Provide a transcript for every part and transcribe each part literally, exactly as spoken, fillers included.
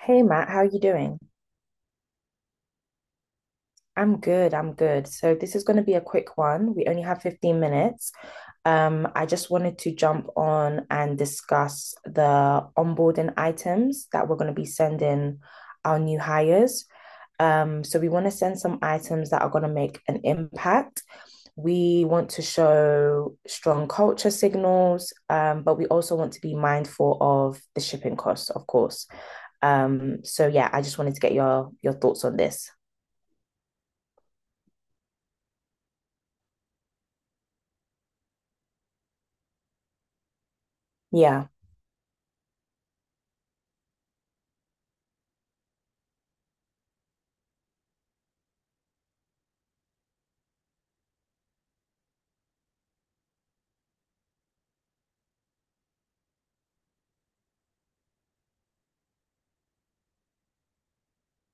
Hey Matt, how are you doing? I'm good, I'm good. So this is going to be a quick one. We only have fifteen minutes. Um, I just wanted to jump on and discuss the onboarding items that we're going to be sending our new hires. Um, so we want to send some items that are going to make an impact. We want to show strong culture signals, um, but we also want to be mindful of the shipping costs, of course. Um, so yeah, I just wanted to get your your thoughts on this. Yeah,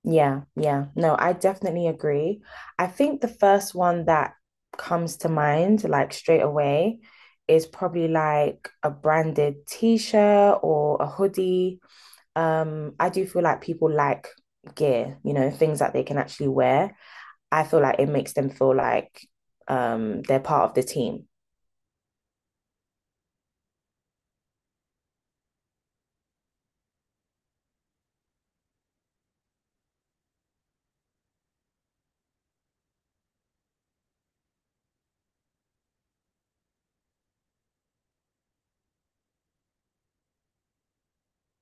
yeah, yeah. No, I definitely agree. I think the first one that comes to mind, like straight away, is probably like a branded t-shirt or a hoodie. Um, I do feel like people like gear, you know, things that they can actually wear. I feel like it makes them feel like um they're part of the team.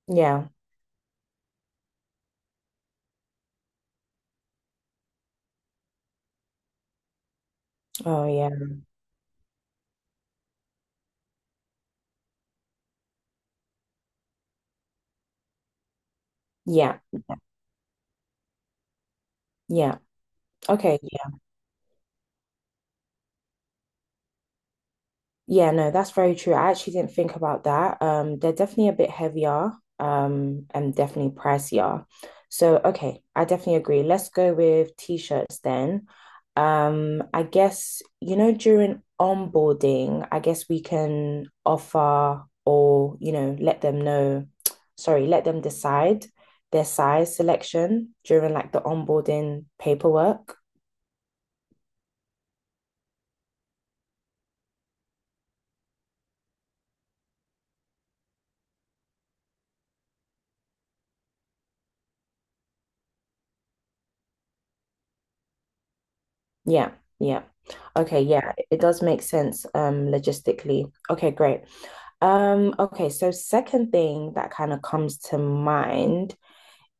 Yeah. Oh yeah. Yeah. Yeah. Yeah. Okay. Yeah, no, that's very true. I actually didn't think about that. Um, they're definitely a bit heavier, um, and definitely pricier. So, okay, I definitely agree. Let's go with t-shirts then. Um, I guess, you know, during onboarding, I guess we can offer or, you know, let them know, sorry, let them decide their size selection during like the onboarding paperwork. Yeah, yeah. Okay, yeah, it does make sense um logistically. Okay, great. Um, okay, so second thing that kind of comes to mind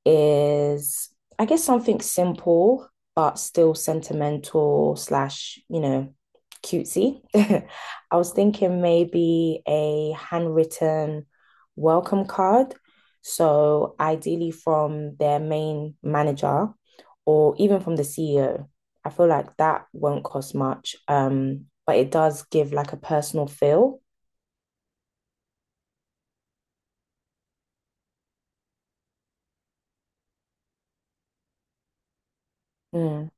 is I guess something simple but still sentimental slash, you know, cutesy. I was thinking maybe a handwritten welcome card. So ideally from their main manager or even from the C E O. I feel like that won't cost much. Um, but it does give like a personal feel. Mm.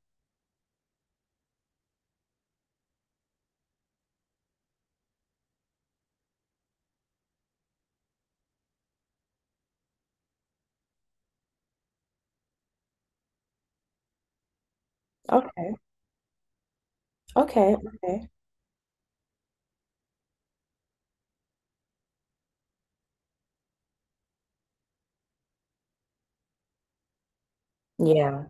Okay. Okay. Okay. Yeah.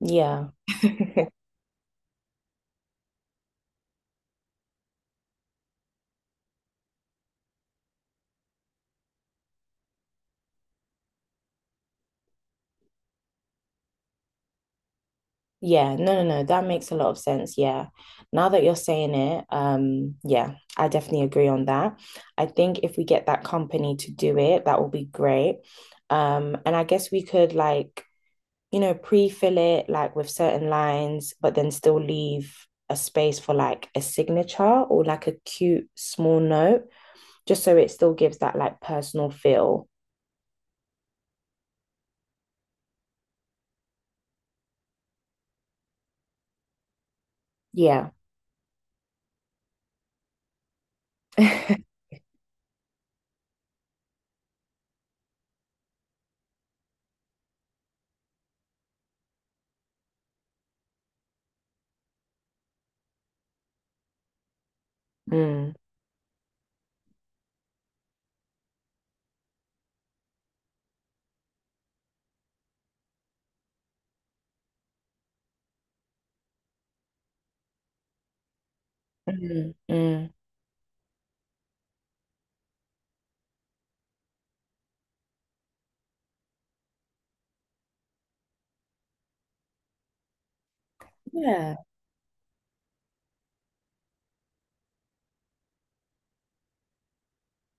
Yeah. Yeah, no, no, no, that makes a lot of sense. Yeah. Now that you're saying it, um, yeah, I definitely agree on that. I think if we get that company to do it, that will be great. Um, and I guess we could like, you know, pre-fill it like with certain lines, but then still leave a space for like a signature or like a cute small note, just so it still gives that like personal feel. Yeah. Mm. Mm, mm. Yeah.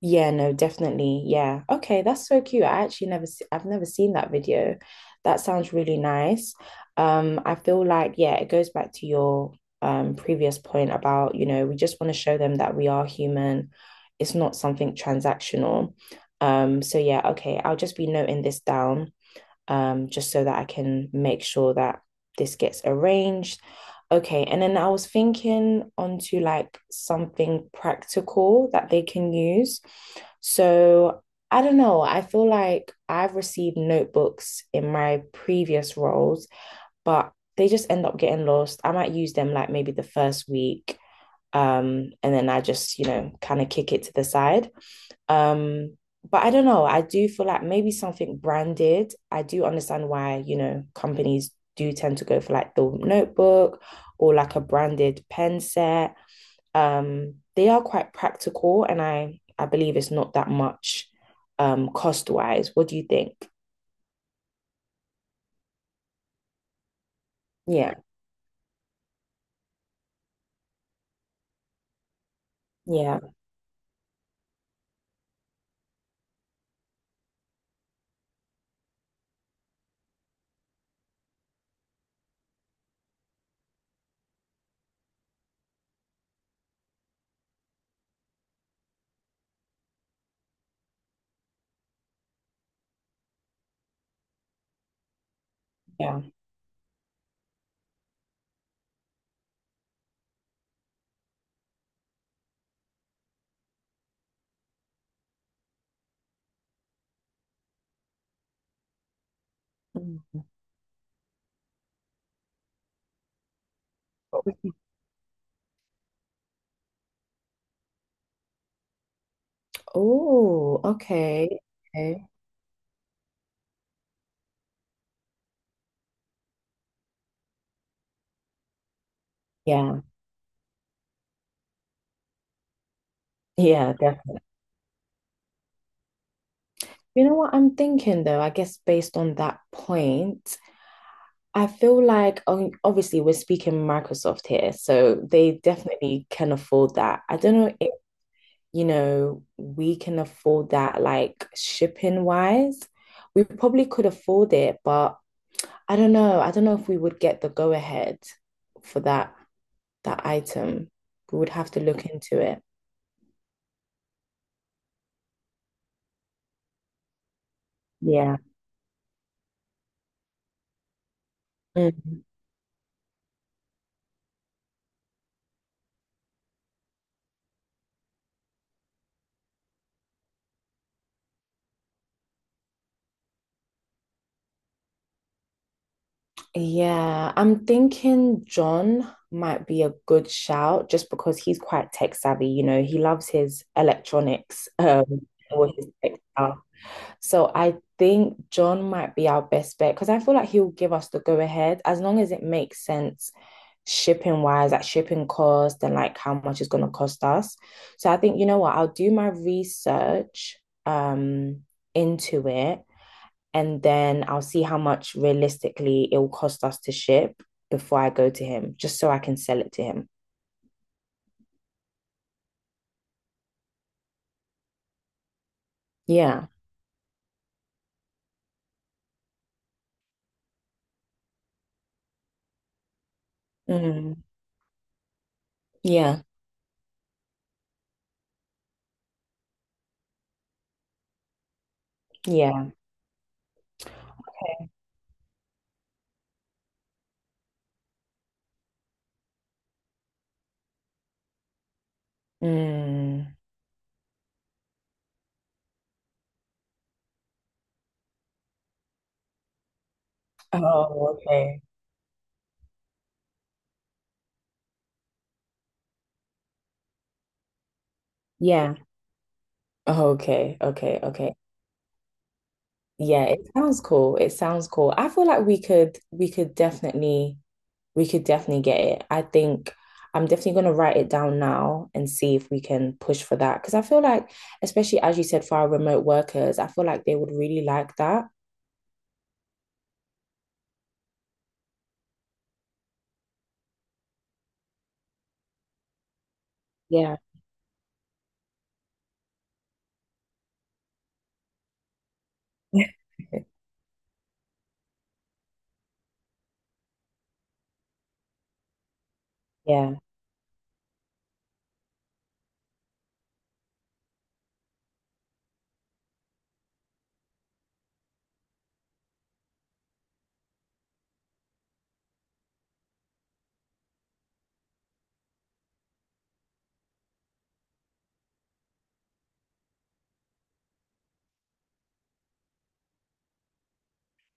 Yeah, no, definitely. Yeah. Okay, that's so cute. I actually never se- I've never seen that video. That sounds really nice. Um, I feel like, yeah, it goes back to your um previous point about, you know, we just want to show them that we are human. It's not something transactional. Um, so yeah, okay, I'll just be noting this down um, just so that I can make sure that this gets arranged. Okay, and then I was thinking onto like something practical that they can use. So I don't know, I feel like I've received notebooks in my previous roles, but they just end up getting lost. I might use them like maybe the first week, um, and then I just, you know, kind of kick it to the side. Um, but I don't know. I do feel like maybe something branded. I do understand why, you know, companies do tend to go for like the notebook or like a branded pen set. Um, they are quite practical and I I believe it's not that much um cost wise. What do you think? Yeah, yeah, yeah. Mm. Oh, okay. Okay. Yeah. Yeah, definitely. You know what I'm thinking though, I guess based on that point, I feel like um, obviously we're speaking Microsoft here, so they definitely can afford that. I don't know if, you know, we can afford that like shipping wise. We probably could afford it, but I don't know. I don't know if we would get the go ahead for that that item. We would have to look into it. Yeah. Yeah, I'm thinking John might be a good shout just because he's quite tech savvy, you know, he loves his electronics, um, or his tech stuff. So I think John might be our best bet because I feel like he'll give us the go ahead as long as it makes sense shipping wise, like shipping cost and like how much it's gonna cost us. So I think, you know what, I'll do my research um into it and then I'll see how much realistically it will cost us to ship before I go to him, just so I can sell it to him. Yeah. Mm. Yeah. Yeah. Mm. Oh, okay. Yeah. Oh, okay. Okay. Okay. Yeah, it sounds cool. It sounds cool. I feel like we could we could definitely we could definitely get it. I think I'm definitely going to write it down now and see if we can push for that. Because I feel like, especially as you said, for our remote workers, I feel like they would really like that. Yeah. Yeah.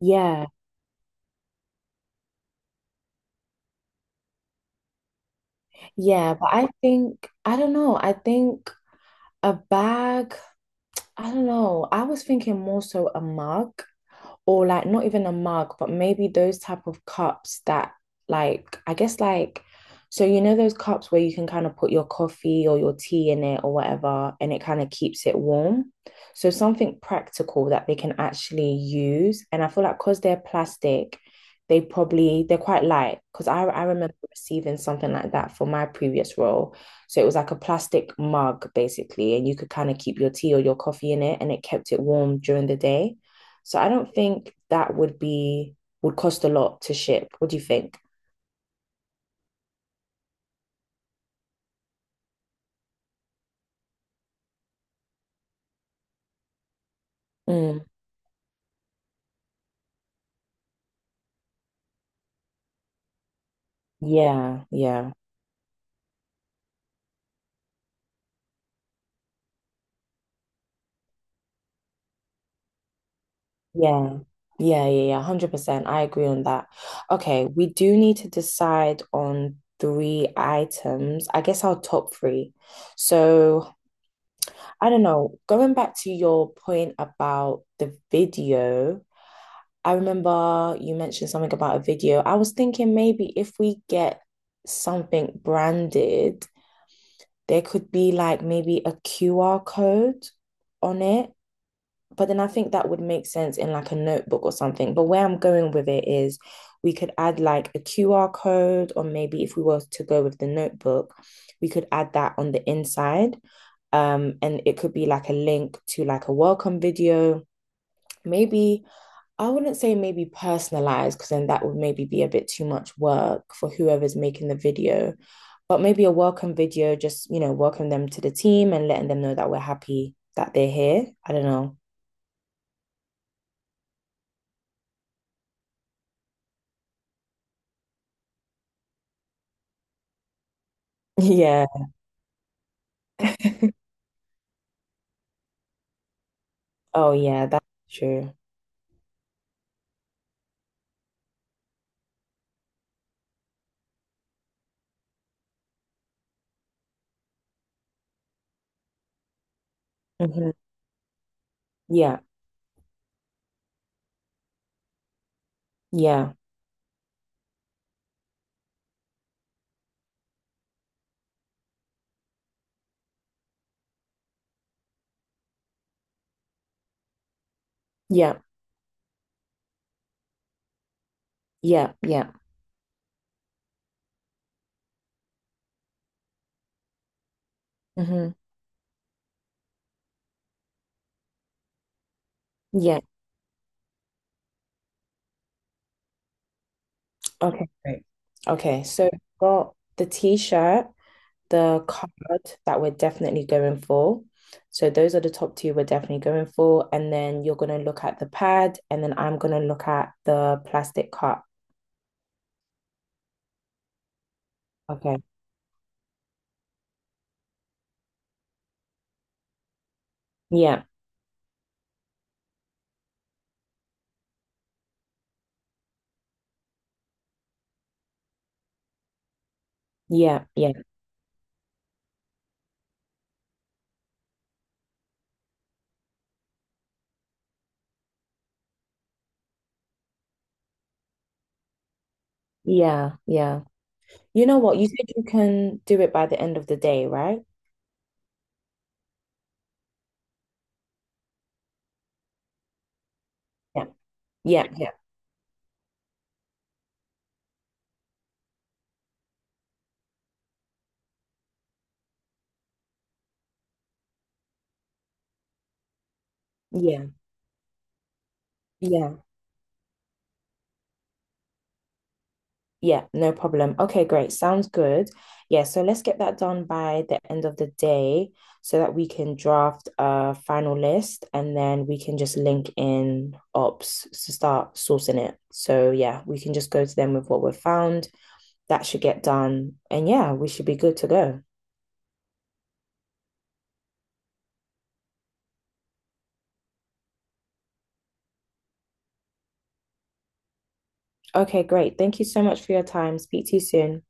Yeah. Yeah. But I think, I don't know, I think a bag, I don't know. I was thinking more so a mug, or like not even a mug, but maybe those type of cups that like I guess like so you know those cups where you can kind of put your coffee or your tea in it or whatever, and it kind of keeps it warm. So something practical that they can actually use. And I feel like because they're plastic, they probably they're quite light. Because I I remember receiving something like that for my previous role. So it was like a plastic mug basically, and you could kind of keep your tea or your coffee in it, and it kept it warm during the day. So I don't think that would be would cost a lot to ship. What do you think? Mm, yeah, yeah, yeah, yeah, yeah, yeah. one hundred percent. I agree on that. Okay, we do need to decide on three items. I guess our top three. So I don't know. Going back to your point about the video, I remember you mentioned something about a video. I was thinking maybe if we get something branded. There could be like maybe a Q R code on it, but then I think that would make sense in like a notebook or something. But where I'm going with it is we could add like a Q R code, or maybe if we were to go with the notebook, we could add that on the inside. Um, and it could be like a link to like a welcome video maybe. I wouldn't say maybe personalized because then that would maybe be a bit too much work for whoever's making the video, but maybe a welcome video, just, you know, welcome them to the team and letting them know that we're happy that they're here. I don't know. Yeah. Oh, yeah, that's true. Hmm. Yeah. Yeah. Yeah. Yeah. Yeah. Hmm. Yeah. Okay. Great. Okay. So got the t-shirt, the card that we're definitely going for. So those are the top two we're definitely going for. And then you're going to look at the pad, and then I'm going to look at the plastic cup. Okay. Yeah. Yeah. Yeah. Yeah. Yeah. You know what? You said you can do it by the end of the day, right? Yeah. Yeah. Yeah. Yeah. Yeah. Yeah, no problem. Okay, great. Sounds good. Yeah, so let's get that done by the end of the day so that we can draft a final list and then we can just link in ops to start sourcing it. So, yeah, we can just go to them with what we've found. That should get done. And yeah, we should be good to go. Okay, great. Thank you so much for your time. Speak to you soon.